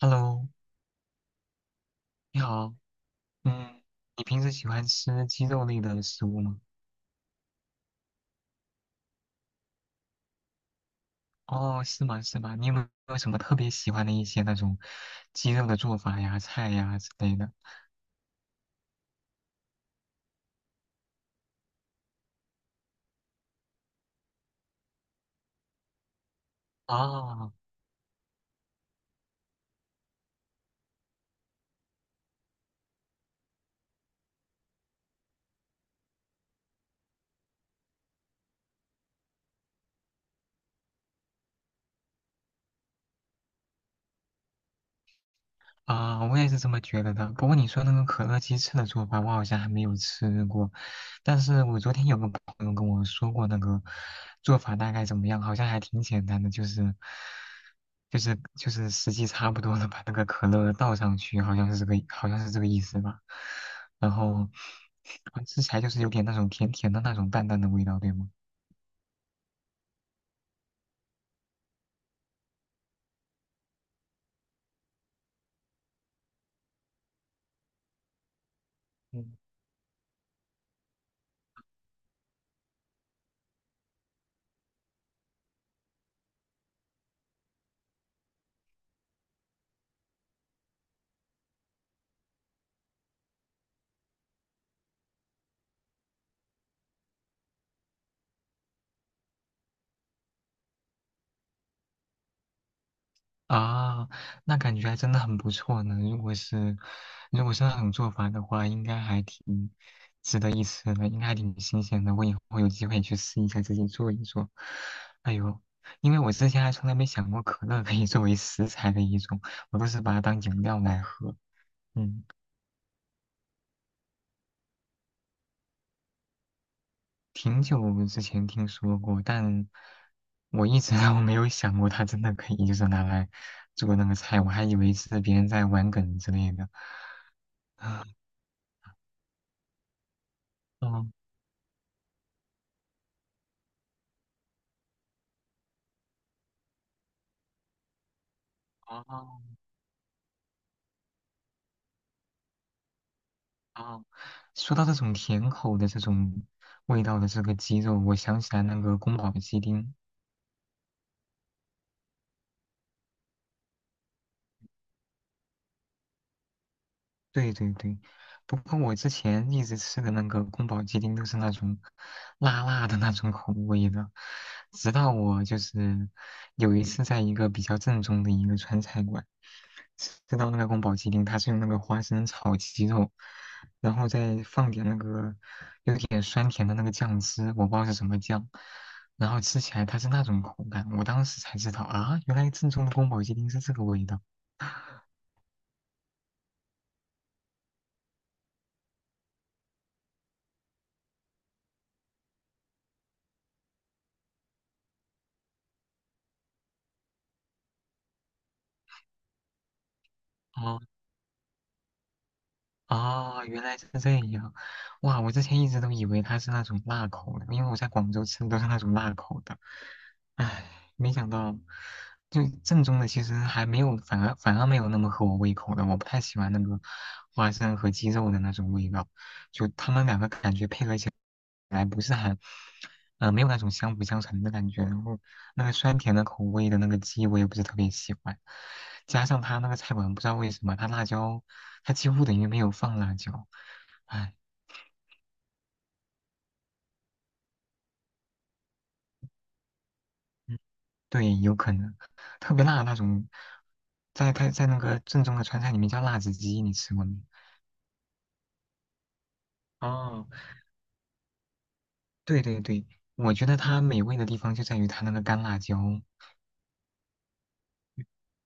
Hello，你好，嗯，你平时喜欢吃鸡肉类的食物吗？哦，是吗？是吗？你有没有什么特别喜欢的一些那种鸡肉的做法呀、菜呀之类的？哦，啊，我也是这么觉得的。不过你说那个可乐鸡翅的做法，我好像还没有吃过。但是我昨天有个朋友跟我说过那个做法大概怎么样，好像还挺简单的，就是时机差不多了，把那个可乐倒上去，好像是这个意思吧。然后吃起来就是有点那种甜甜的那种淡淡的味道，对吗？啊，那感觉还真的很不错呢。如果是，如果是那种做法的话，应该还挺值得一吃的，应该还挺新鲜的。我以后有机会去试一下，自己做一做。哎呦，因为我之前还从来没想过可乐可以作为食材的一种，我都是把它当饮料来喝。嗯，挺久之前听说过，但我一直 都没有想过它真的可以就是拿来做那个菜，我还以为是别人在玩梗之类的。啊。哦哦，说到这种甜口的这种味道的这个鸡肉，我想起来那个宫保鸡丁，对对对，不过我之前一直吃的那个宫保鸡丁都是那种辣辣的那种口味的，直到我就是有一次在一个比较正宗的一个川菜馆吃到那个宫保鸡丁，它是用那个花生炒鸡肉，然后再放点那个有点酸甜的那个酱汁，我不知道是什么酱，然后吃起来它是那种口感，我当时才知道啊，原来正宗的宫保鸡丁是这个味道。哦，哦，原来是这样，哇！我之前一直都以为它是那种辣口的，因为我在广州吃的都是那种辣口的。唉，没想到，就正宗的其实还没有，反而没有那么合我胃口的。我不太喜欢那个花生和鸡肉的那种味道，本来不是很，没有那种相辅相成的感觉。然后那个酸甜的口味的那个鸡，我也不是特别喜欢。加上它那个菜馆不知道为什么，它辣椒，它几乎等于没有放辣椒，唉。嗯对，有可能，特别辣的那种，在那个正宗的川菜里面叫辣子鸡，你吃过没？哦，对对对，我觉得它美味的地方就在于它那个干辣椒，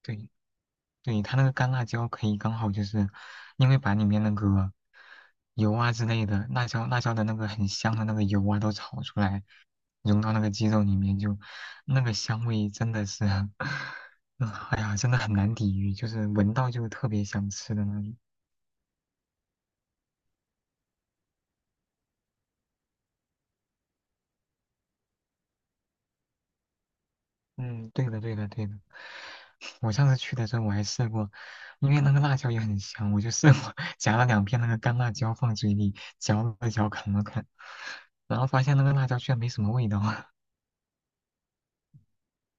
对对，它那个干辣椒可以刚好就是因为把里面那个油啊之类的辣椒的那个很香的那个油啊都炒出来，融到那个鸡肉里面就，那个香味真的是，嗯哎呀，真的很难抵御，就是闻到就特别想吃的那种。嗯，对的，对的，对的。我上次去的时候我还试过，因为那个辣椒也很香，我就试过 夹了两片那个干辣椒放嘴里嚼了嚼，啃了啃，然后发现那个辣椒居然没什么味道。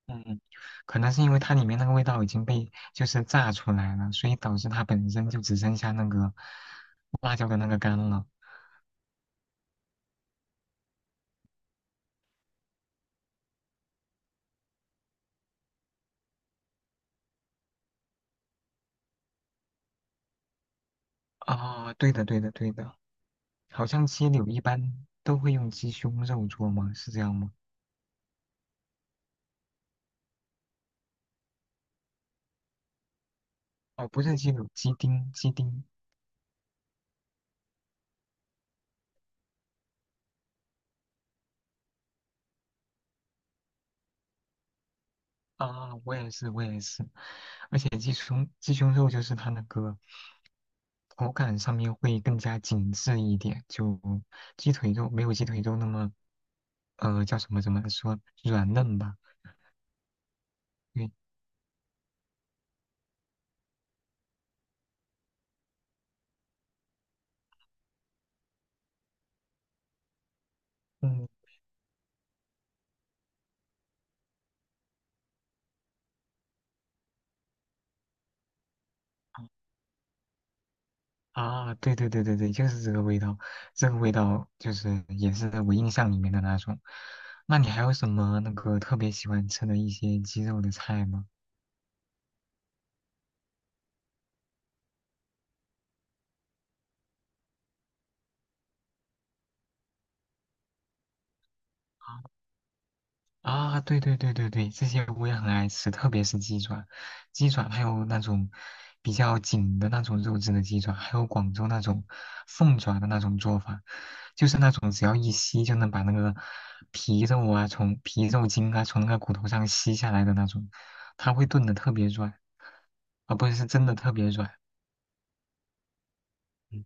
嗯，可能是因为它里面那个味道已经被就是炸出来了，所以导致它本身就只剩下那个辣椒的那个干了。啊、对的，对的，对的，好像鸡柳一般都会用鸡胸肉做吗？是这样吗？哦，不是鸡柳，鸡丁，鸡丁。啊，我也是，我也是，而且鸡胸肉就是它那个口感上面会更加紧致一点，就鸡腿肉没有鸡腿肉那么叫什么怎么说软嫩吧？对，嗯啊，对对对对对，就是这个味道，这个味道就是也是我印象里面的那种。那你还有什么那个特别喜欢吃的一些鸡肉的菜吗？啊，对对对对对，这些我也很爱吃，特别是鸡爪，鸡爪还有那种比较紧的那种肉质的鸡爪，还有广州那种凤爪的那种做法，就是那种只要一吸就能把那个皮肉啊，从皮肉筋啊，从那个骨头上吸下来的那种，它会炖的特别软，啊，不是，是真的特别软。嗯，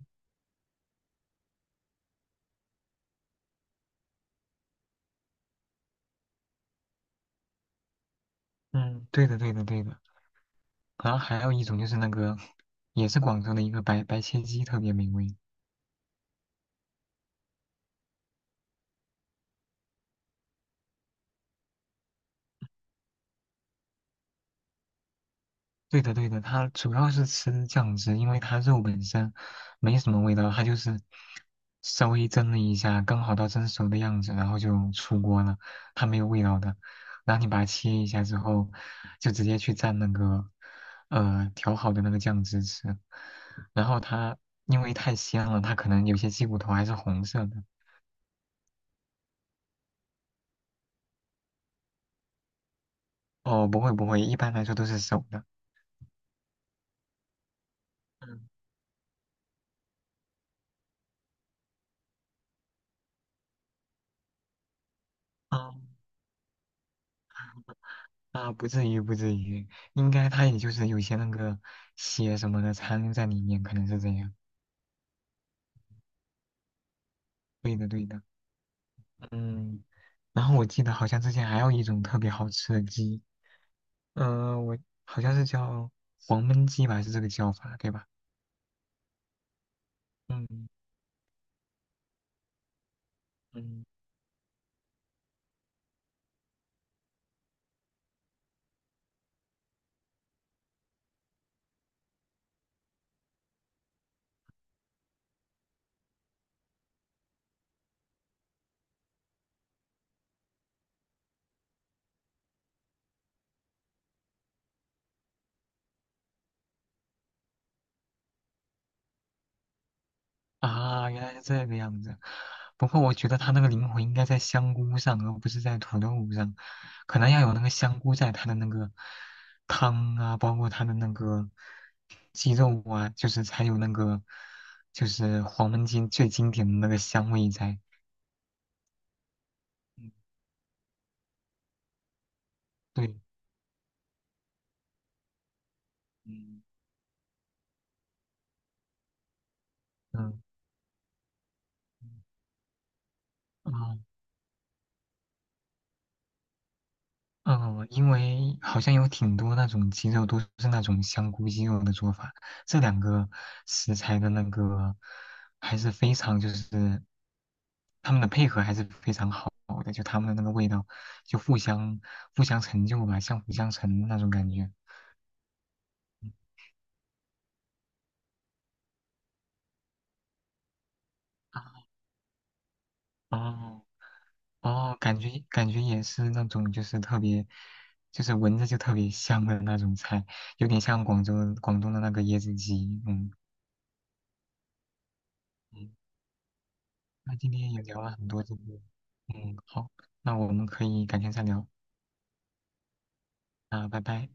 嗯对的对的对的。然后还有一种就是那个，也是广州的一个白切鸡，特别美味。对的，对的，它主要是吃酱汁，因为它肉本身没什么味道，它就是稍微蒸了一下，刚好到蒸熟的样子，然后就出锅了，它没有味道的。然后你把它切一下之后，就直接去蘸那个调好的那个酱汁吃。然后它因为太鲜了，它可能有些鸡骨头还是红色的。哦，不会不会，一般来说都是熟的。嗯，哦啊，不至于，不至于，应该它也就是有些那个血什么的残留在里面，可能是这样。对的，对的。嗯，然后我记得好像之前还有一种特别好吃的鸡，嗯、我好像是叫黄焖鸡吧，是这个叫法，对吧？嗯嗯。啊，原来是这个样子。不过我觉得他那个灵魂应该在香菇上，而不是在土豆上，可能要有那个香菇在他的那个汤啊，包括他的那个鸡肉啊，就是才有那个就是黄焖鸡最经典的那个香味在。嗯对，嗯，嗯，嗯啊，嗯，因为好像有挺多那种鸡肉都是那种香菇鸡肉的做法，这两个食材的那个还是非常就是他们的配合还是非常好的，就他们的那个味道就互相成就吧，相辅相成那种感觉。啊哦哦，感觉感觉也是那种就是特别就是闻着就特别香的那种菜，有点像广州广东的那个椰子鸡，嗯。那今天也聊了很多这个，嗯，好，那我们可以改天再聊，啊，拜拜。